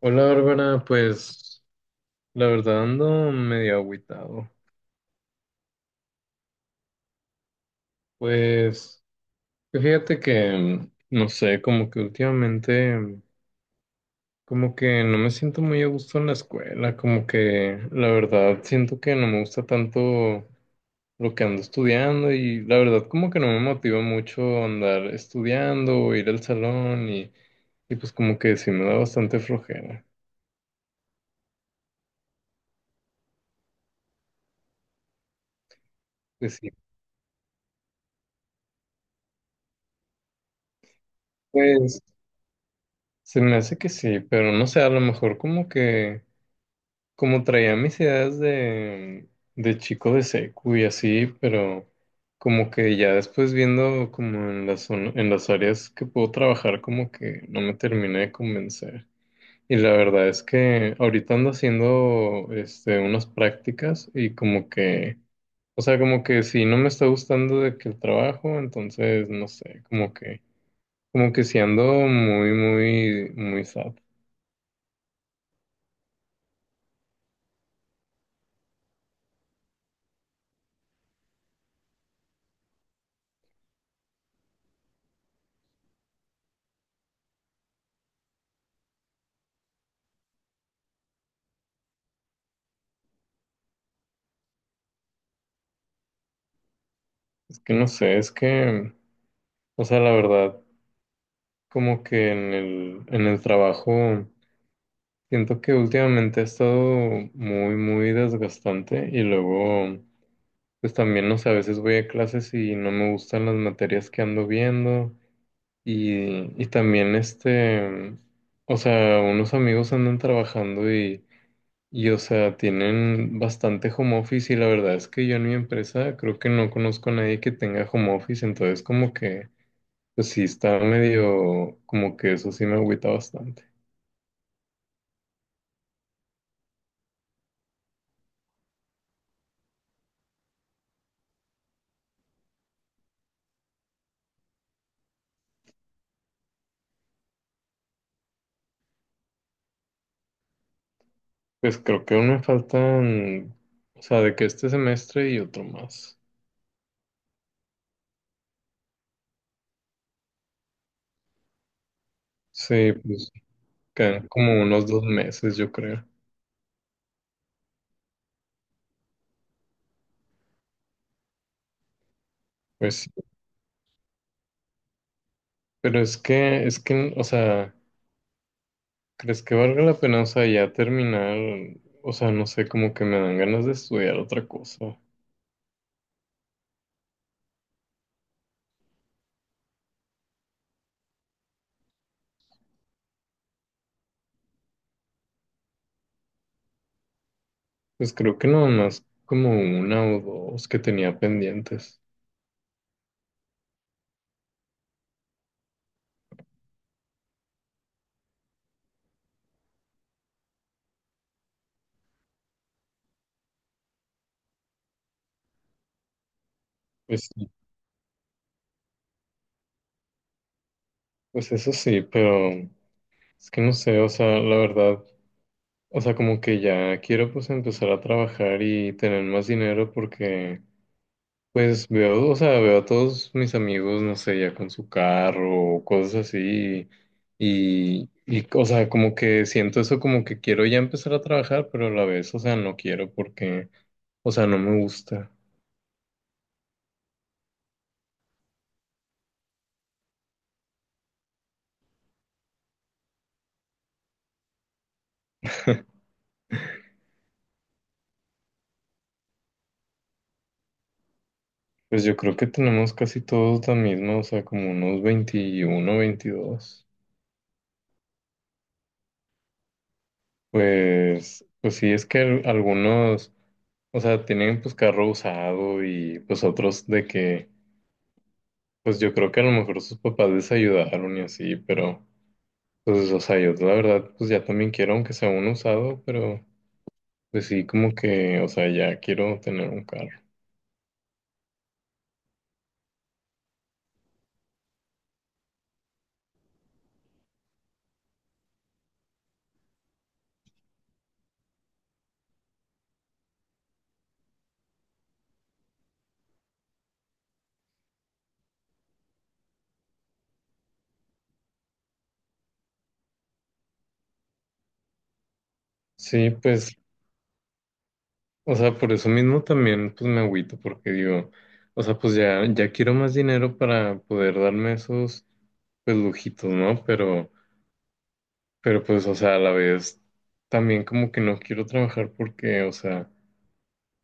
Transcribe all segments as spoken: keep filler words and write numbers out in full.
Hola Bárbara, pues la verdad ando medio agüitado. Pues fíjate que, no sé, como que últimamente, como que no me siento muy a gusto en la escuela, como que la verdad siento que no me gusta tanto lo que ando estudiando y la verdad como que no me motiva mucho andar estudiando o ir al salón y, y pues como que sí me da bastante flojera. Pues sí, pues se me hace que sí, pero no sé, a lo mejor como que, como traía mis ideas de, de chico de secu y así, pero como que ya después viendo como en las, zon- en las áreas que puedo trabajar, como que no me terminé de convencer. Y la verdad es que ahorita ando haciendo este, unas prácticas y como que, o sea, como que si no me está gustando de que el trabajo, entonces no sé, como que, como que si ando muy, muy, muy sad. Es que no sé, es que, o sea, la verdad, como que en el, en el trabajo siento que últimamente ha estado muy, muy desgastante y luego, pues también, no sé, a veces voy a clases y no me gustan las materias que ando viendo y, y también este, o sea, unos amigos andan trabajando y, y, o sea, tienen bastante home office y la verdad es que yo en mi empresa creo que no conozco a nadie que tenga home office, entonces como que, pues sí, está medio, como que eso sí me agüita bastante. Pues creo que aún me faltan, o sea, de que este semestre y otro más. Sí, pues quedan como unos dos meses, yo creo. Pues sí, pero es que, es que, o sea, ¿crees que valga la pena, o sea, ya terminar? O sea, no sé, como que me dan ganas de estudiar otra cosa. Pues creo que nada más como una o dos que tenía pendientes. Pues sí, pues eso sí, pero es que no sé, o sea, la verdad. O sea, como que ya quiero pues empezar a trabajar y tener más dinero porque pues veo, o sea, veo a todos mis amigos, no sé, ya con su carro o cosas así y, y, o sea, como que siento eso como que quiero ya empezar a trabajar, pero a la vez, o sea, no quiero porque, o sea, no me gusta. Pues yo creo que tenemos casi todos la misma, o sea, como unos veintiuno veintidós. Pues, pues sí, es que al- algunos, o sea, tienen pues carro usado y pues otros de que, pues yo creo que a lo mejor sus papás les ayudaron y así, pero pues, o sea, yo la verdad pues ya también quiero, aunque sea uno usado, pero pues sí, como que, o sea, ya quiero tener un carro. Sí, pues, o sea, por eso mismo también pues me agüito porque digo, o sea, pues ya, ya quiero más dinero para poder darme esos pues lujitos, ¿no? Pero, pero pues, o sea, a la vez también como que no quiero trabajar porque, o sea...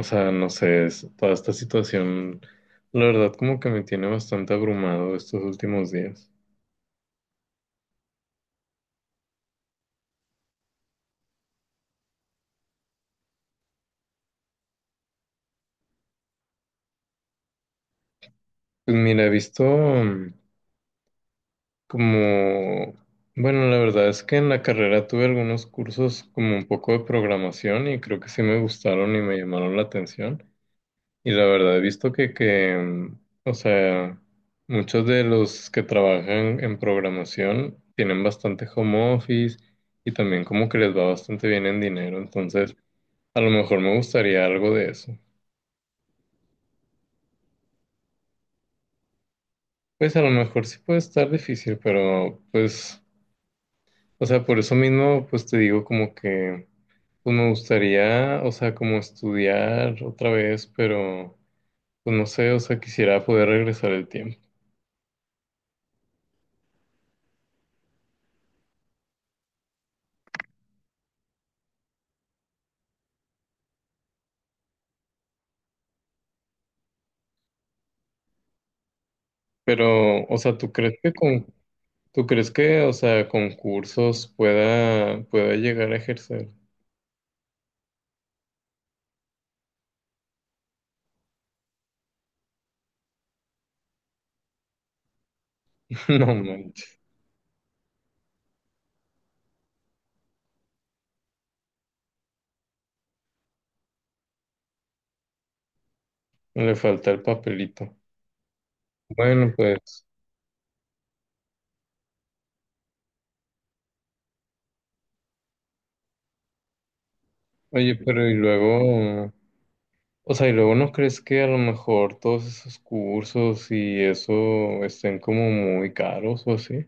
o sea, no sé, es- toda esta situación, la verdad, como que me tiene bastante abrumado estos últimos días. Pues mira, he visto mm, como, bueno, la verdad es que en la carrera tuve algunos cursos como un poco de programación y creo que sí me gustaron y me llamaron la atención. Y la verdad he visto que, que, mm, o sea, muchos de los que trabajan en programación tienen bastante home office y también como que les va bastante bien en dinero. Entonces, a lo mejor me gustaría algo de eso. Pues a lo mejor sí puede estar difícil, pero pues, o sea, por eso mismo, pues te digo como que, pues me gustaría, o sea, como estudiar otra vez, pero pues no sé, o sea, quisiera poder regresar el tiempo. Pero, o sea, ¿tú crees que con, tú crees que, o sea, con cursos pueda, pueda llegar a ejercer? No manches, le falta el papelito. Bueno, pues oye, pero y luego, o sea, y luego no crees que a lo mejor todos esos cursos y eso estén como muy caros o así.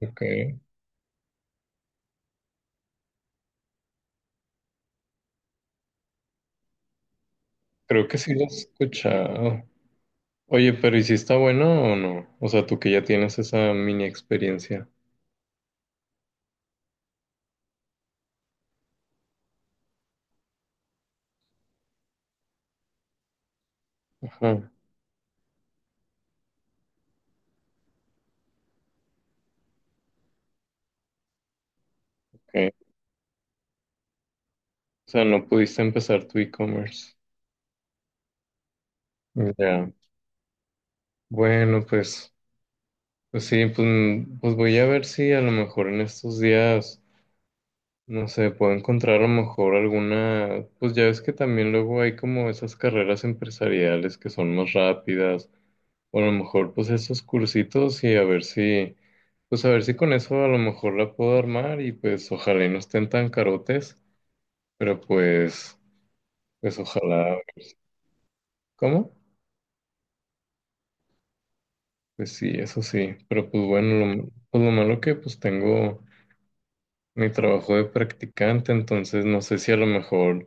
Ok, creo que sí lo he escuchado. Oye, pero ¿y si está bueno o no? O sea, tú que ya tienes esa mini experiencia. Ajá, ok. O sea, no pudiste empezar tu e-commerce. Ya. Bueno, pues, pues sí, pues, mm, pues voy a ver si a lo mejor en estos días. No sé, puedo encontrar a lo mejor alguna, pues ya ves que también luego hay como esas carreras empresariales que son más rápidas, o a lo mejor pues esos cursitos y a ver si, pues a ver si con eso a lo mejor la puedo armar y pues ojalá y no estén tan carotes, pero pues, pues ojalá. ¿Cómo? Pues sí, eso sí, pero pues bueno, lo, pues lo malo que pues tengo mi trabajo de practicante, entonces no sé si a lo mejor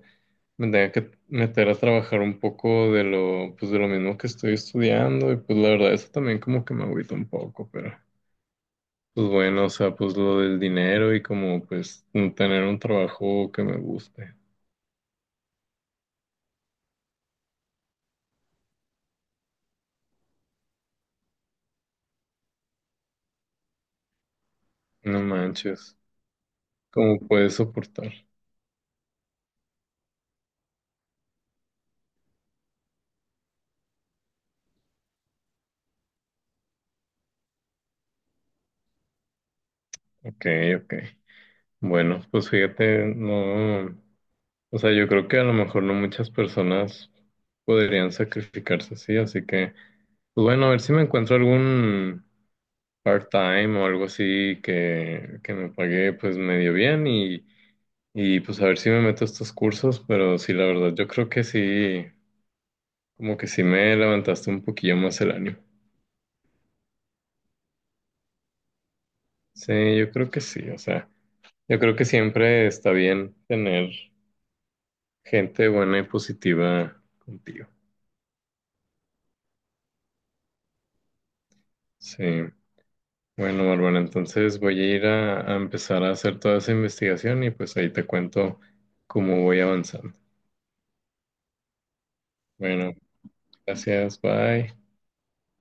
me tenía que meter a trabajar un poco de lo, pues de lo mismo que estoy estudiando y pues la verdad eso también como que me agüita un poco, pero pues bueno, o sea, pues lo del dinero y como pues tener un trabajo que me guste. No manches, ¿cómo puedes soportar? Ok, ok. Bueno, pues fíjate, no, o sea, yo creo que a lo mejor no muchas personas podrían sacrificarse así, así que, pues bueno, a ver si me encuentro algún part-time o algo así que, que me pagué pues medio bien y, y pues a ver si me meto a estos cursos, pero sí, la verdad, yo creo que sí, como que sí me levantaste un poquillo más el ánimo. Sí, yo creo que sí, o sea, yo creo que siempre está bien tener gente buena y positiva contigo. Sí, bueno, Bárbara, entonces voy a ir a, a empezar a hacer toda esa investigación y pues ahí te cuento cómo voy avanzando. Bueno, gracias, bye.